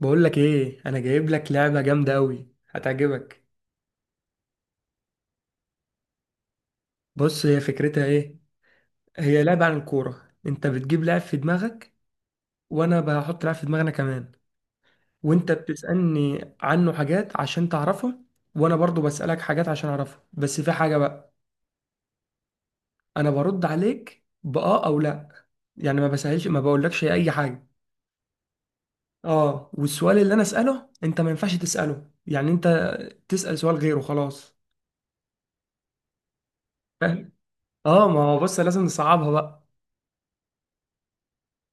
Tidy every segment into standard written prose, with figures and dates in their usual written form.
بقول لك ايه، انا جايب لك لعبه جامده قوي هتعجبك. بص، هي فكرتها ايه؟ هي لعبه عن الكوره. انت بتجيب لاعب في دماغك وانا بحط لاعب في دماغنا كمان، وانت بتسالني عنه حاجات عشان تعرفه وانا برضو بسالك حاجات عشان اعرفه. بس في حاجه بقى، انا برد عليك باه او لا، يعني ما بسهلش ما بقولكش اي حاجه. اه، والسؤال اللي انا اساله انت ما ينفعش تساله، يعني انت تسال سؤال غيره خلاص. فاهم؟ اه ما هو بص لازم نصعبها بقى.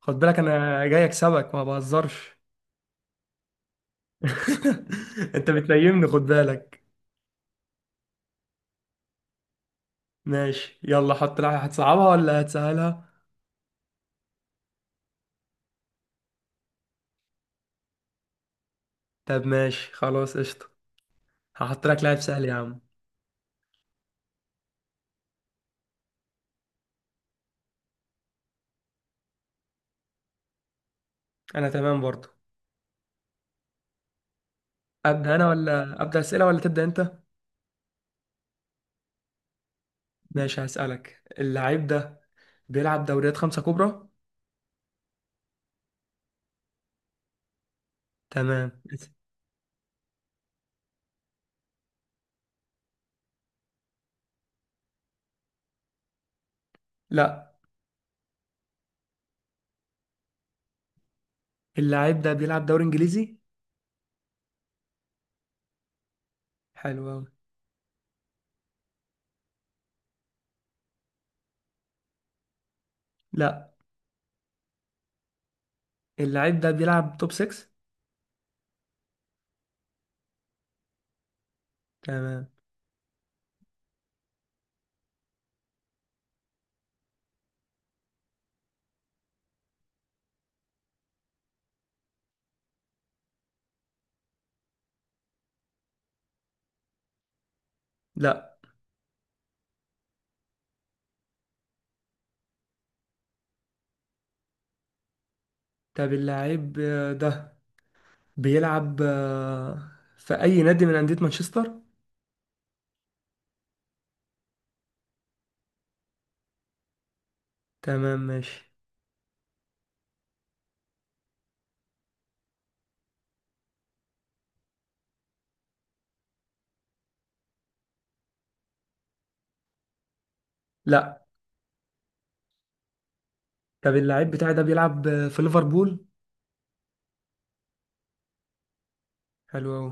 خد بالك انا جاي اكسبك، ما بهزرش. انت بتنيمني، خد بالك. ماشي، يلا حط لك. هتصعبها ولا هتسهلها؟ طب ماشي خلاص قشطة، هحط لك لاعب سهل يا عم. انا تمام برضو. ابدا انا ولا ابدا اسئلة ولا تبدا انت؟ ماشي، هسألك. اللاعب ده بيلعب دوريات خمسة كبرى. تمام. لا. اللاعب ده بيلعب دوري انجليزي. حلو أوي. لا. اللاعب ده بيلعب توب 6. تمام. لا. طب اللاعب ده بيلعب في أي نادي من أندية مانشستر؟ تمام ماشي. لا. طب اللعيب بتاعي ده بيلعب في ليفربول. حلو أوي.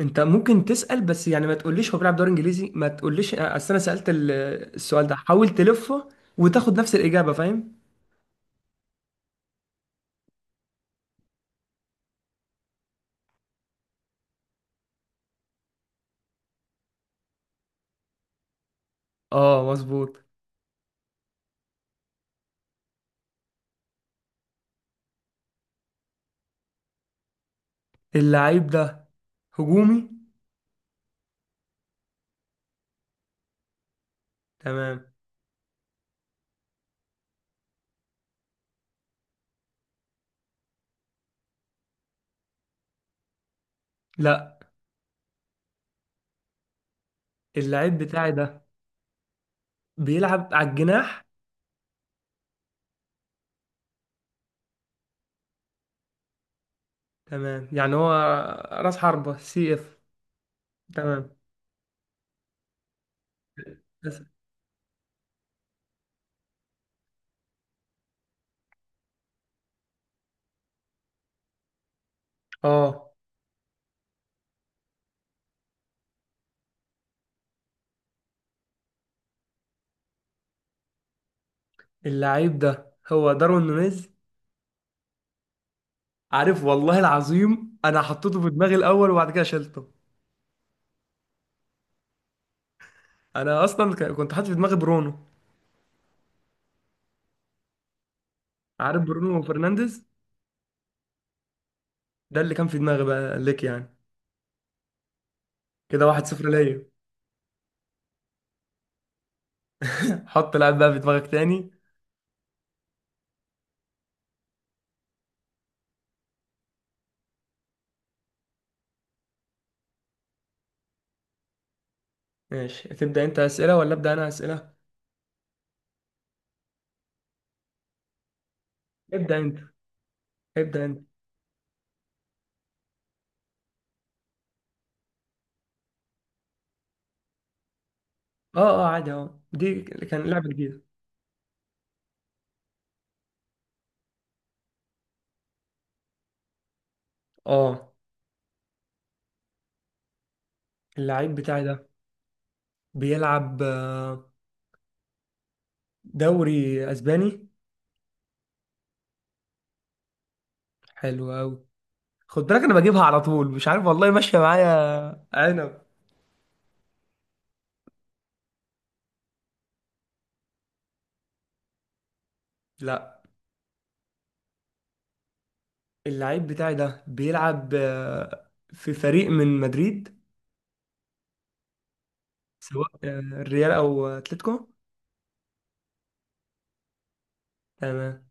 أنت ممكن تسأل، بس يعني ما تقوليش هو بيلعب دوري إنجليزي، ما تقوليش أصل أنا سألت السؤال ده. حاول تلفه وتاخد نفس الإجابة. فاهم؟ أه مظبوط. اللعيب ده هجومي. تمام. لا. اللعيب بتاعي ده بيلعب على الجناح. تمام، يعني هو راس حربة، سي اف. تمام. بس. اه، اللعيب ده هو داروين نونيز. عارف، والله العظيم انا حطيته في دماغي الاول وبعد كده شلته. انا اصلا كنت حاطط في دماغي برونو. عارف برونو فرنانديز، ده اللي كان في دماغي بقى ليك يعني. كده واحد صفر ليا. حط لعيب بقى في دماغك تاني. ماشي، تبدأ انت اسئله ولا ابدأ انا اسئله؟ ابدأ انت. ابدأ انت. اه اه عادي، اه دي كان لعبه جديده. اه. اللعيب بتاعي ده بيلعب دوري اسباني. حلو قوي. خد بالك انا بجيبها على طول، مش عارف والله ماشيه معايا عنب. لا. اللعيب بتاعي ده بيلعب في فريق من مدريد، سواء الريال او اتلتيكو. تمام.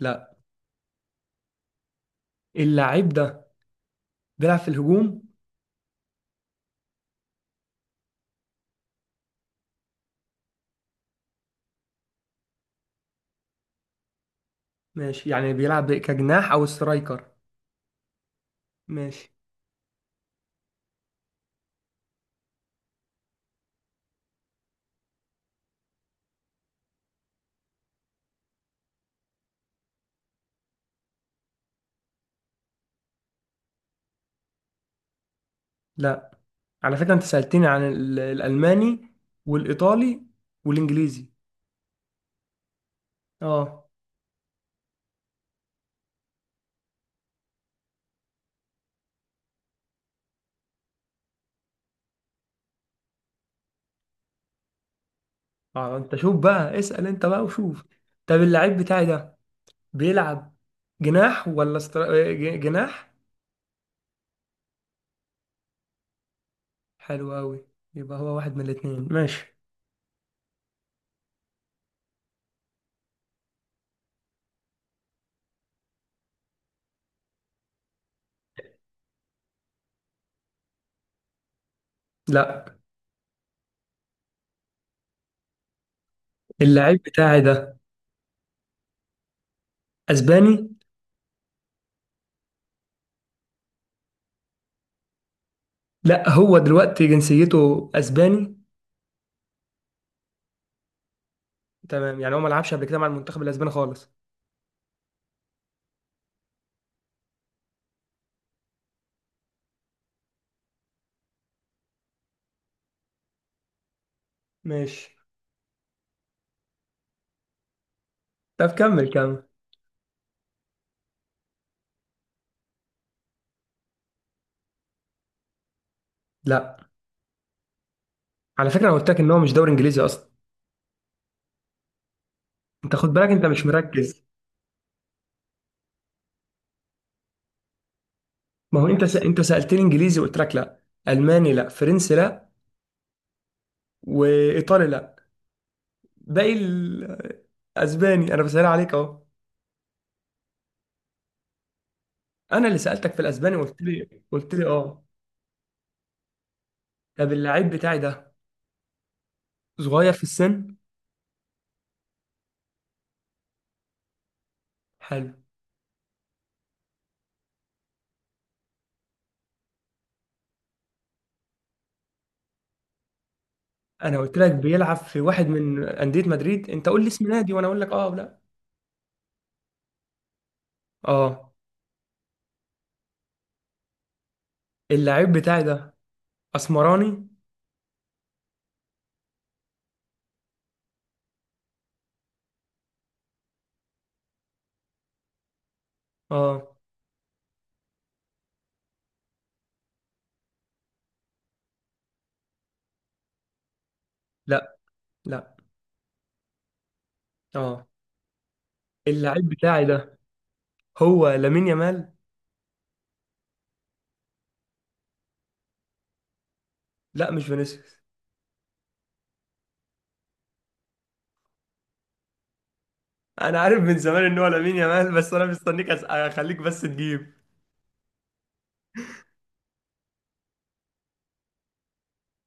لا. اللعيب ده بيلعب في الهجوم. ماشي، يعني بيلعب كجناح او سترايكر. ماشي. لا، على فكره انت سالتني عن الالماني والايطالي والانجليزي. اه. اه انت شوف بقى، اسال انت بقى وشوف. طب اللعيب بتاعي ده بيلعب جناح ولا جناح. حلو أوي، يبقى هو واحد من الاتنين. ماشي. لا. اللاعب بتاعي ده اسباني. لا، هو دلوقتي جنسيته اسباني. تمام، يعني هو ما لعبش قبل كده مع المنتخب الاسباني خالص؟ ماشي. طب كمل كمل. لا، على فكرة انا قلت لك ان هو مش دوري انجليزي اصلا. انت خد بالك، انت مش مركز. ما هو انت انت سألتني انجليزي وقلت لك لا، الماني لا، فرنسي لا، وايطالي لا. باقي اسباني، انا بسأل عليك اهو. انا اللي سالتك في الاسباني. قلت لي اه. طب اللعيب بتاعي ده صغير في السن. حلو. انا قلت لك بيلعب في واحد من انديه مدريد، انت قول لي اسم نادي وانا اقول لك اه او لا. اه. اللعيب بتاعي ده اسمراني. اه. لا لا. اه، اللعيب بتاعي ده هو لامين يامال. لا مش فينيسيوس. انا عارف من زمان ان هو لامين يامال، بس انا مستنيك اخليك بس تجيب.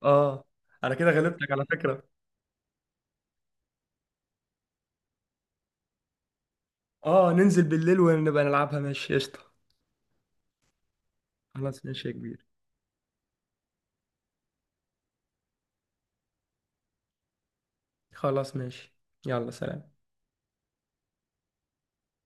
اه، انا كده غلبتك على فكره. اه ننزل بالليل ونبقى نلعبها، ماشي قشطه. خلاص ماشي يا كبير. خلاص ماشي، يلا سلام.